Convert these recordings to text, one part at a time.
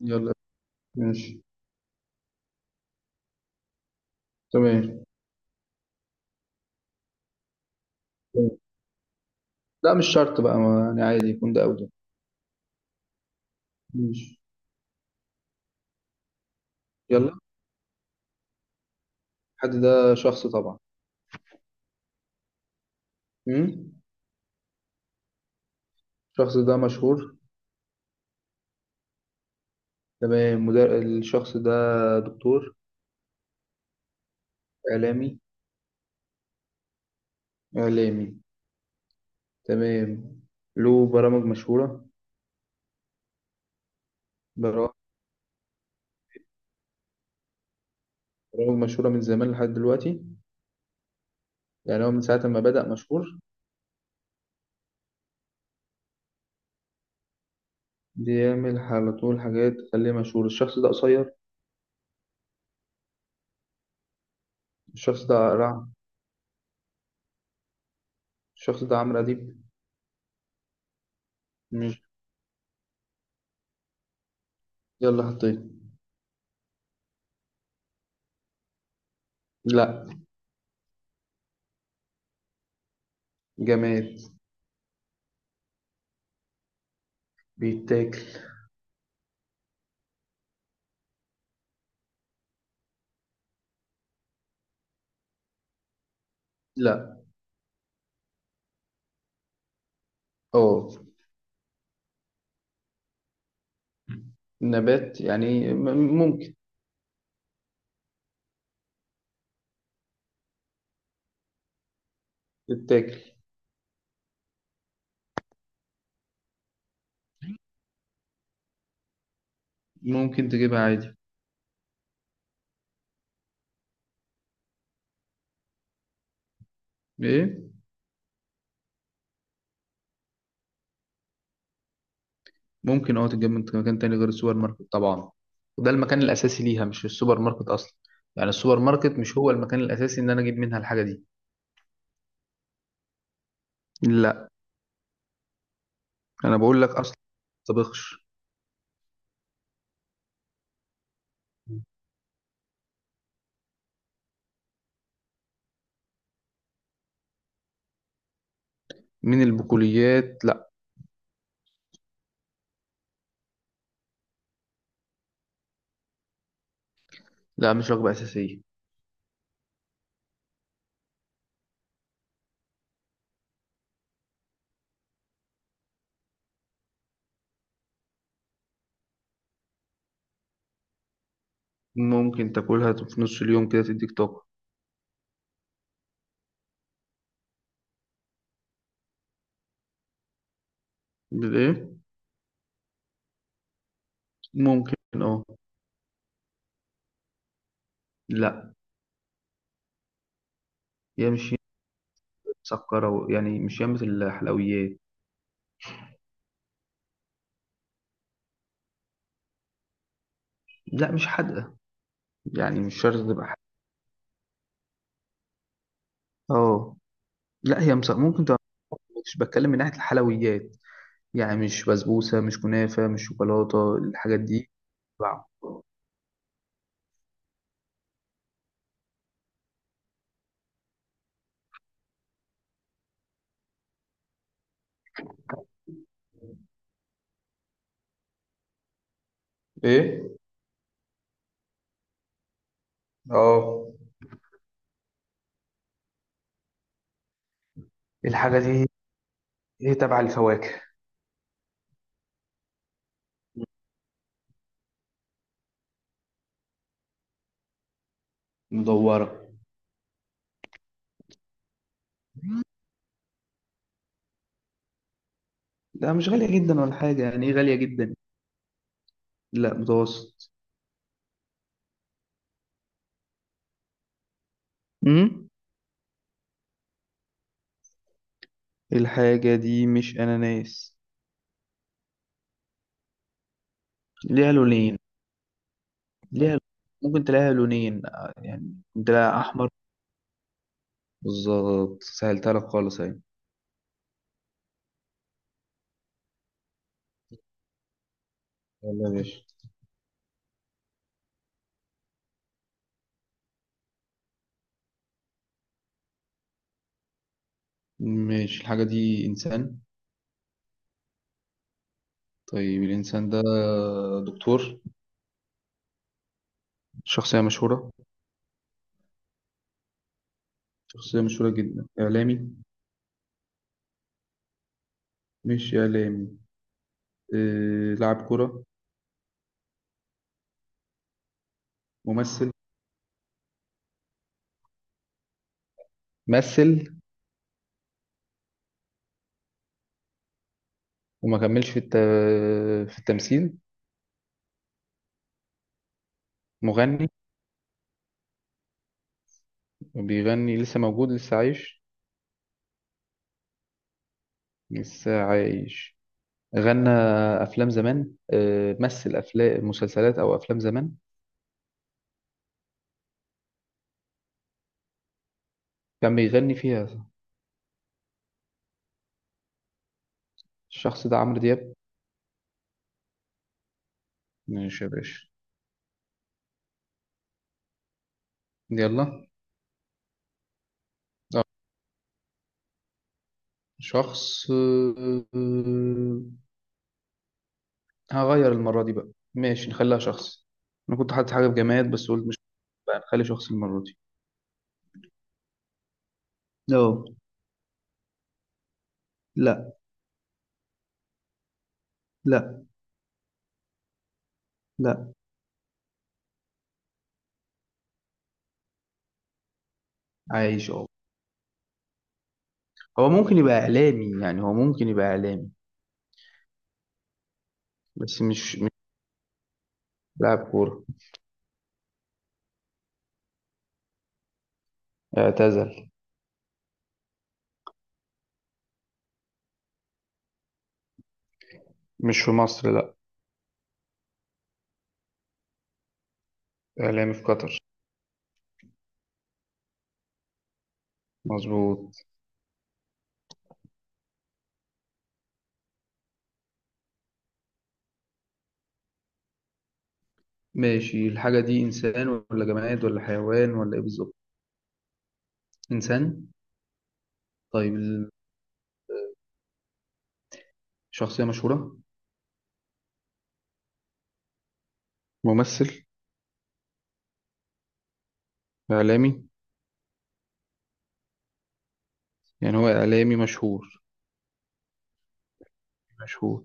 يلا، ماشي، تمام. لا، مش شرط بقى، ما يعني عادي يكون ده أو ده. ماشي. يلا. الحد ده شخص طبعا. مم؟ الشخص ده مشهور. تمام. الشخص ده دكتور؟ إعلامي؟ إعلامي. تمام. له برامج مشهورة. برا- برامج مشهورة من زمان لحد دلوقتي. يعني هو من ساعة ما بدأ مشهور، بيعمل على طول حاجات تخليه مشهور. الشخص ده قصير؟ الشخص ده رعب؟ الشخص ده عمرو أديب. مش. يلا، حطيت. لا. جماد؟ بيتاكل؟ لا. اه. نبات يعني ممكن. تتاكل. ممكن تجيبها عادي. ايه. ممكن اه، تتجاب من مكان تاني غير السوبر ماركت طبعا. وده المكان الاساسي ليها، مش السوبر ماركت اصلا. يعني السوبر ماركت مش هو المكان الاساسي ان انا اجيب منها الحاجه دي. لا. انا بقول لك اصلا، طبخش. من البقوليات لا. لا، مش وجبه اساسيه. ممكن تاكلها في نص اليوم كده، تديك طاقه. ايه. ممكن اه لا هي مش مسكره يعني مش ياما الحلويات لا مش حادقة يعني مش شرط تبقى حادقة اه. لا، ممكن تبقى. مش بتكلم من ناحية الحلويات. يعني مش بسبوسة، مش كنافة، مش شوكولاتة الحاجات دي. تبع ايه. اه. الحاجة دي هي تبع الفواكه. مدورة. لا مش غالية جدا ولا حاجة، يعني ايه غالية جدا. لا، متوسط. امم. الحاجة دي مش أناناس. ليها لونين. ليها، ممكن تلاقيها لونين، يعني ممكن تلاقيها أحمر. بالظبط، سهلتها لك خالص أهي. يلا يا باشا. ماشي. الحاجة دي إنسان. طيب، الإنسان ده دكتور؟ شخصية مشهورة؟ شخصية مشهورة جدا. إعلامي؟ مش إعلامي. لاعب كرة؟ ممثل؟ مثل. وما في التمثيل. مغني. بيغني. لسه موجود، لسه عايش. لسه عايش. غنى أفلام زمان. مثل أفلام، مسلسلات أو أفلام زمان. كان بيغني فيها. الشخص ده عمرو دياب. ماشي يا باشا. يلا. اه. شخص، هغير المرة دي بقى، ماشي نخليها شخص. أنا كنت حاطط حاجة بجماد بس قلت مش. بقى نخلي شخص المرة دي. اه. لا. لا. لا. عايش أهو. هو ممكن يبقى إعلامي، يعني هو ممكن يبقى إعلامي. بس مش لاعب كورة. اعتزل. مش في مصر، لا. إعلامي في قطر. مظبوط. ماشي. الحاجة دي إنسان ولا جماد ولا حيوان ولا إيه بالظبط. إنسان. طيب، الشخصية مشهورة. ممثل؟ إعلامي؟ يعني هو إعلامي مشهور. مشهور.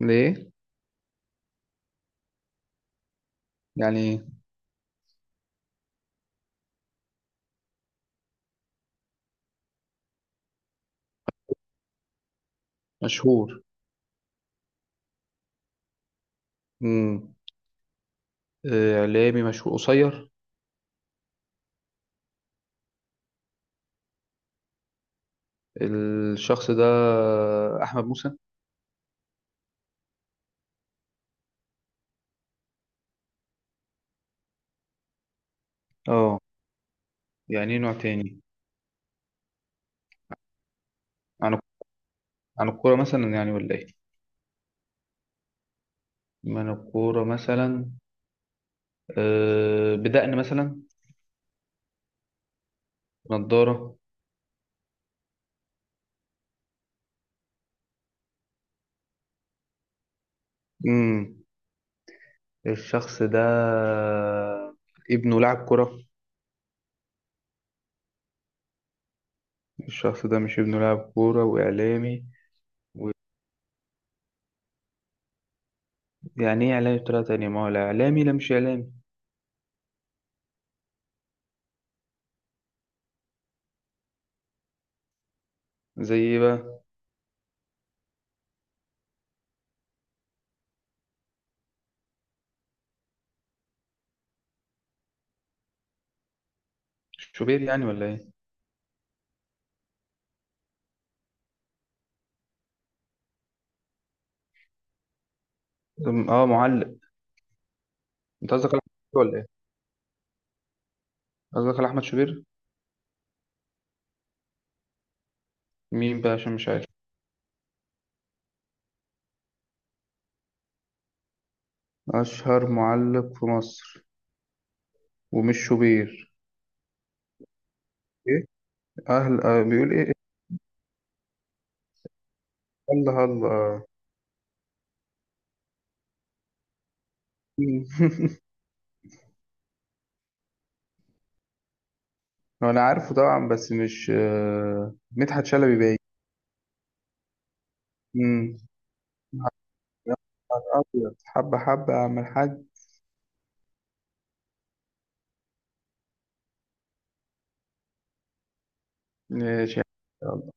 ليه؟ يعني إيه؟ مشهور. امم. إعلامي مشهور قصير. الشخص ده أحمد موسى. اه. يعني إيه نوع تاني. عن، عن الكورة مثلا يعني ولا إيه. من الكورة مثلا. بدقن مثلا. نضارة. امم. الشخص ده ابنه لاعب كرة. الشخص ده مش ابنه لاعب كورة وإعلامي. و... يعني إيه إعلامي بطريقة تانية، ما هو لا إعلامي لا مش إعلامي. زي إيه بقى. شوبير يعني ولا إيه. اه، معلق. انت قصدك على أحمد شوبير ولا ايه. قصدك على احمد شوبير. مين بقى، عشان مش عارف. اشهر معلق في مصر. ومش شوبير. ايه. اهل، بيقول ايه؟ إيه؟ الله، الله. مم. هو انا عارفه طبعا، بس مش، مدحت شلبي باين. مم. يا نهار أبيض. حبة حبة يا عم الحاج. ماشي. يا الله.